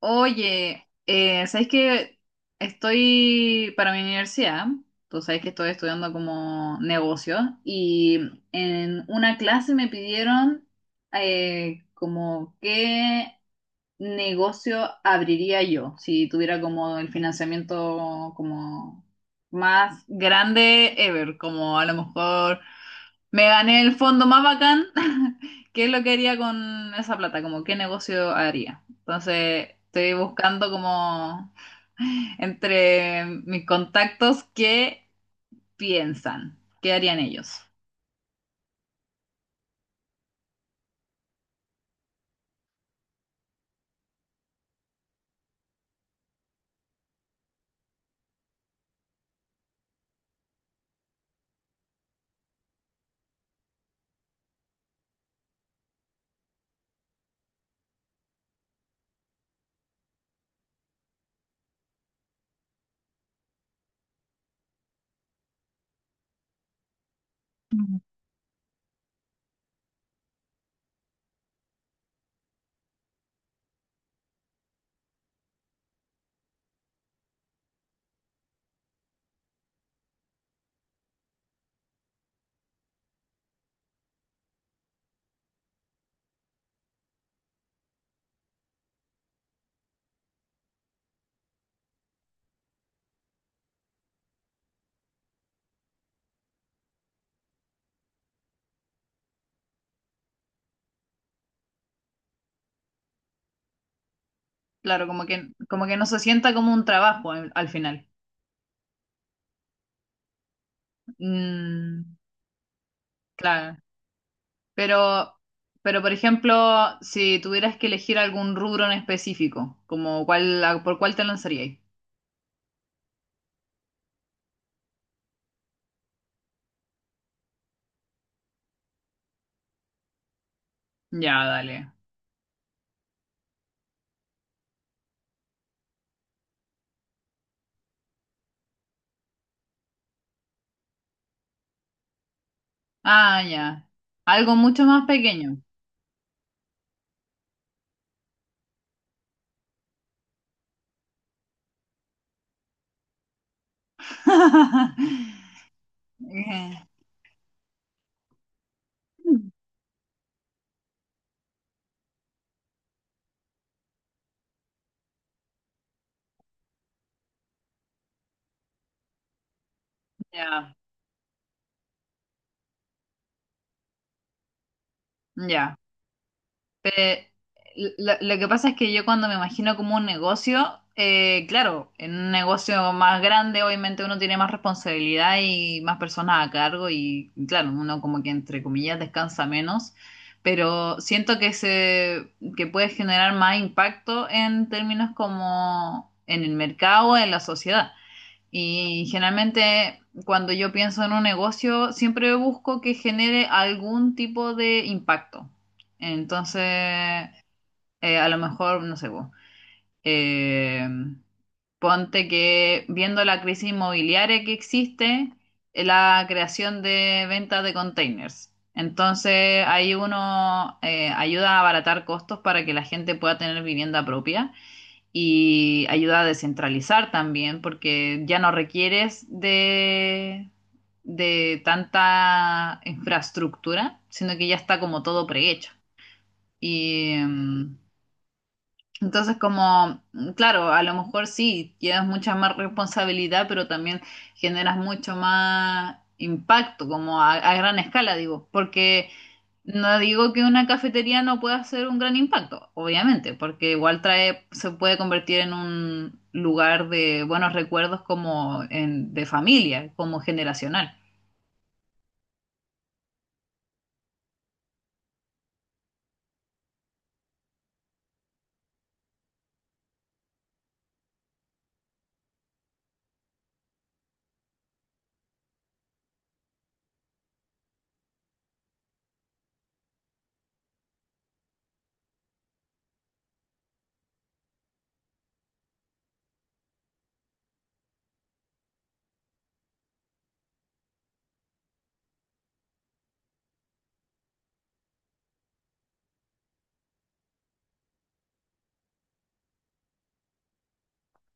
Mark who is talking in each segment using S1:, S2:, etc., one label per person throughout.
S1: Oye, ¿sabes que estoy para mi universidad, tú sabes que estoy estudiando como negocios y en una clase me pidieron como qué negocio abriría yo si tuviera como el financiamiento como más grande ever, como a lo mejor me gané el fondo más bacán. ¿Qué es lo que haría con esa plata? Como qué negocio haría. Entonces, estoy buscando como entre mis contactos qué piensan, qué harían ellos. Claro, como que no se sienta como un trabajo al, al final. Mm, claro. Pero, pero por ejemplo, si tuvieras que elegir algún rubro en específico, como cuál, por cuál te lanzarías. Ya, dale. Ah, ya. Algo mucho más pequeño. Eh, ya, ya. Pe- lo que pasa es que yo cuando me imagino como un negocio, claro, en un negocio más grande obviamente uno tiene más responsabilidad y más personas a cargo y claro, uno como que entre comillas descansa menos, pero siento que se que puede generar más impacto en términos como en el mercado, en la sociedad. Y generalmente cuando yo pienso en un negocio, siempre busco que genere algún tipo de impacto. Entonces, a lo mejor, no sé, po, eh, ponte que viendo la crisis inmobiliaria que existe, la creación de ventas de containers. Entonces, ahí uno ayuda a abaratar costos para que la gente pueda tener vivienda propia y ayuda a descentralizar también, porque ya no requieres de tanta infraestructura, sino que ya está como todo prehecho. Y entonces, como, claro, a lo mejor sí, llevas mucha más responsabilidad, pero también generas mucho más impacto, como a gran escala, digo, porque no digo que una cafetería no pueda hacer un gran impacto, obviamente, porque igual trae, se puede convertir en un lugar de buenos recuerdos como en, de familia, como generacional.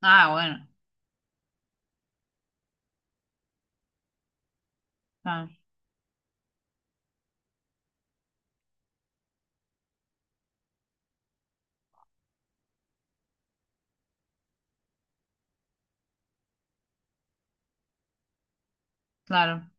S1: Ah, bueno, ah, claro.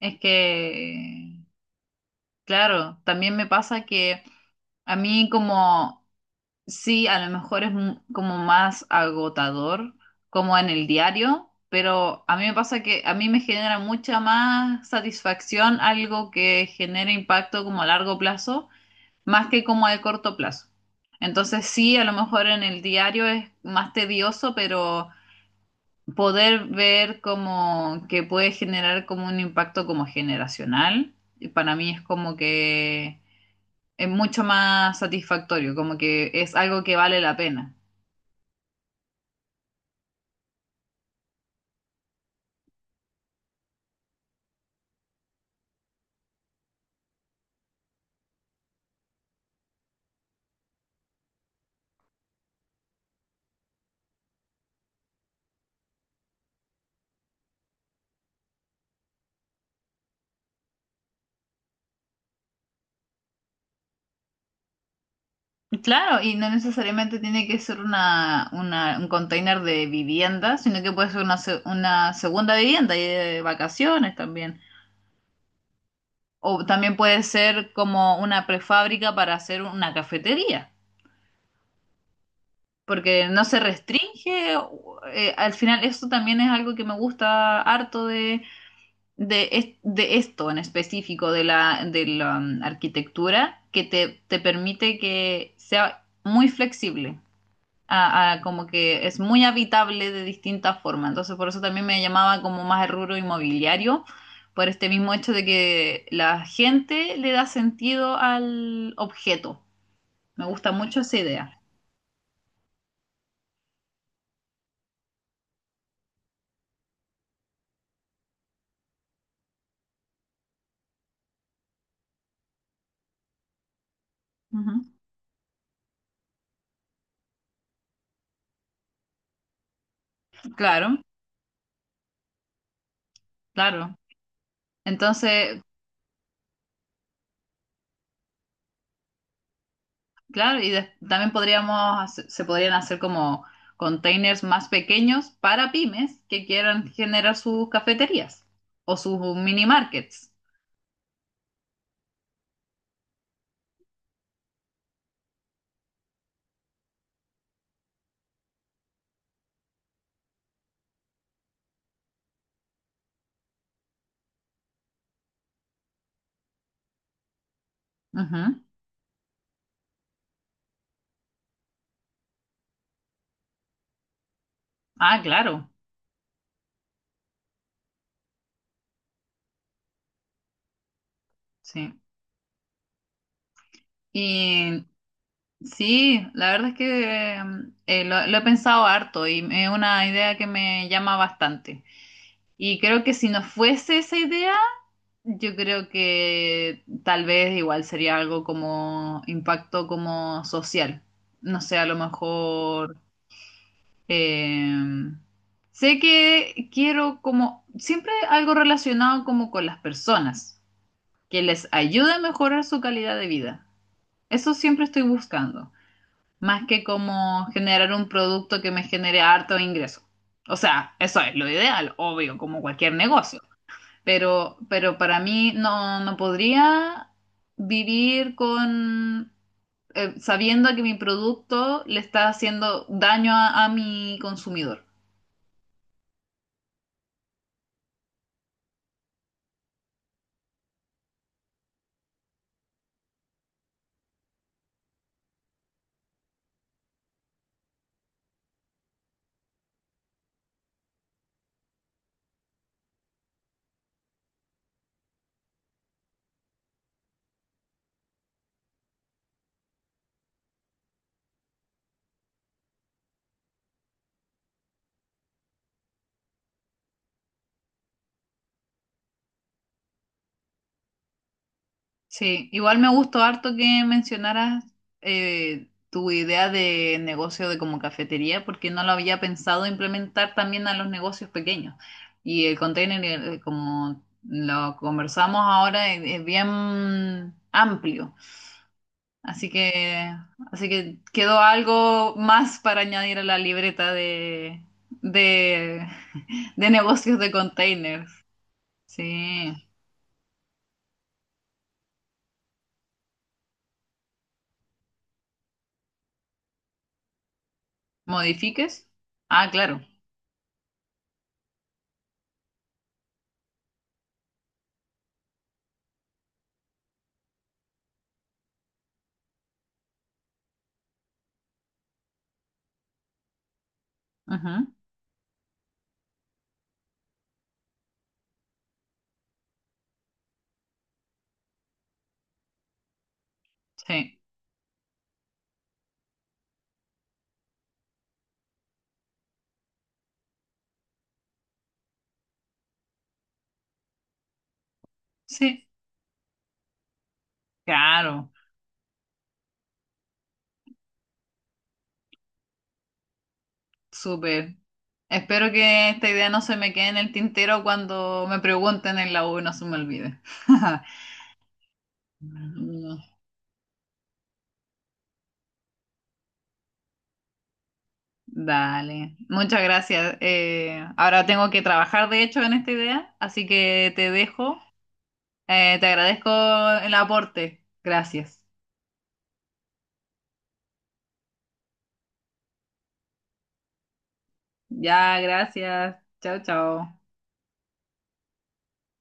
S1: Es que, claro, también me pasa que a mí como sí, a lo mejor es como más agotador, como en el diario, pero a mí me pasa que a mí me genera mucha más satisfacción algo que genere impacto como a largo plazo, más que como a corto plazo. Entonces sí, a lo mejor en el diario es más tedioso, pero poder ver como que puede generar como un impacto como generacional, y para mí es como que es mucho más satisfactorio, como que es algo que vale la pena. Claro, y no necesariamente tiene que ser una, un container de vivienda, sino que puede ser una, una segunda vivienda y de vacaciones también. O también puede ser como una prefábrica para hacer una cafetería, porque no se restringe. Al final, eso también es algo que me gusta harto de, de esto en específico, de la arquitectura, que te permite que sea muy flexible. A como que es muy habitable de distintas formas. Entonces, por eso también me llamaba como más el rubro inmobiliario, por este mismo hecho de que la gente le da sentido al objeto. Me gusta mucho esa idea. Ujú. Claro, claro. Entonces, claro, y también podríamos, se podrían hacer como containers más pequeños para pymes que quieran generar sus cafeterías o sus mini markets. Ujú. Ah, claro, sí. Y sí, la verdad es que lo he pensado harto y es una idea que me llama bastante. Y creo que si no fuese esa idea, yo creo que tal vez igual sería algo como impacto como social. No sé, a lo mejor eh, sé que quiero como siempre algo relacionado como con las personas, que les ayude a mejorar su calidad de vida. Eso siempre estoy buscando, más que como generar un producto que me genere harto ingreso. O sea, eso es lo ideal, obvio, como cualquier negocio. Pero para mí no, no podría vivir con sabiendo que mi producto le está haciendo daño a mi consumidor. Sí, igual me gustó harto que mencionaras tu idea de negocio de como cafetería, porque no lo había pensado implementar también a los negocios pequeños. Y el container, como lo conversamos ahora, es bien amplio. Así que, así que quedó algo más para añadir a la libreta de, de negocios de containers. Sí, modifiques. Ah, claro. Ujú, sí. Sí, claro, súper. Espero que esta idea no se me quede en el tintero cuando me pregunten en la U y no se me olvide. Mm, dale, muchas gracias. Ahora tengo que trabajar, de hecho, en esta idea, así que te dejo. Te agradezco el aporte. Gracias. Ya, gracias. Chao, chao.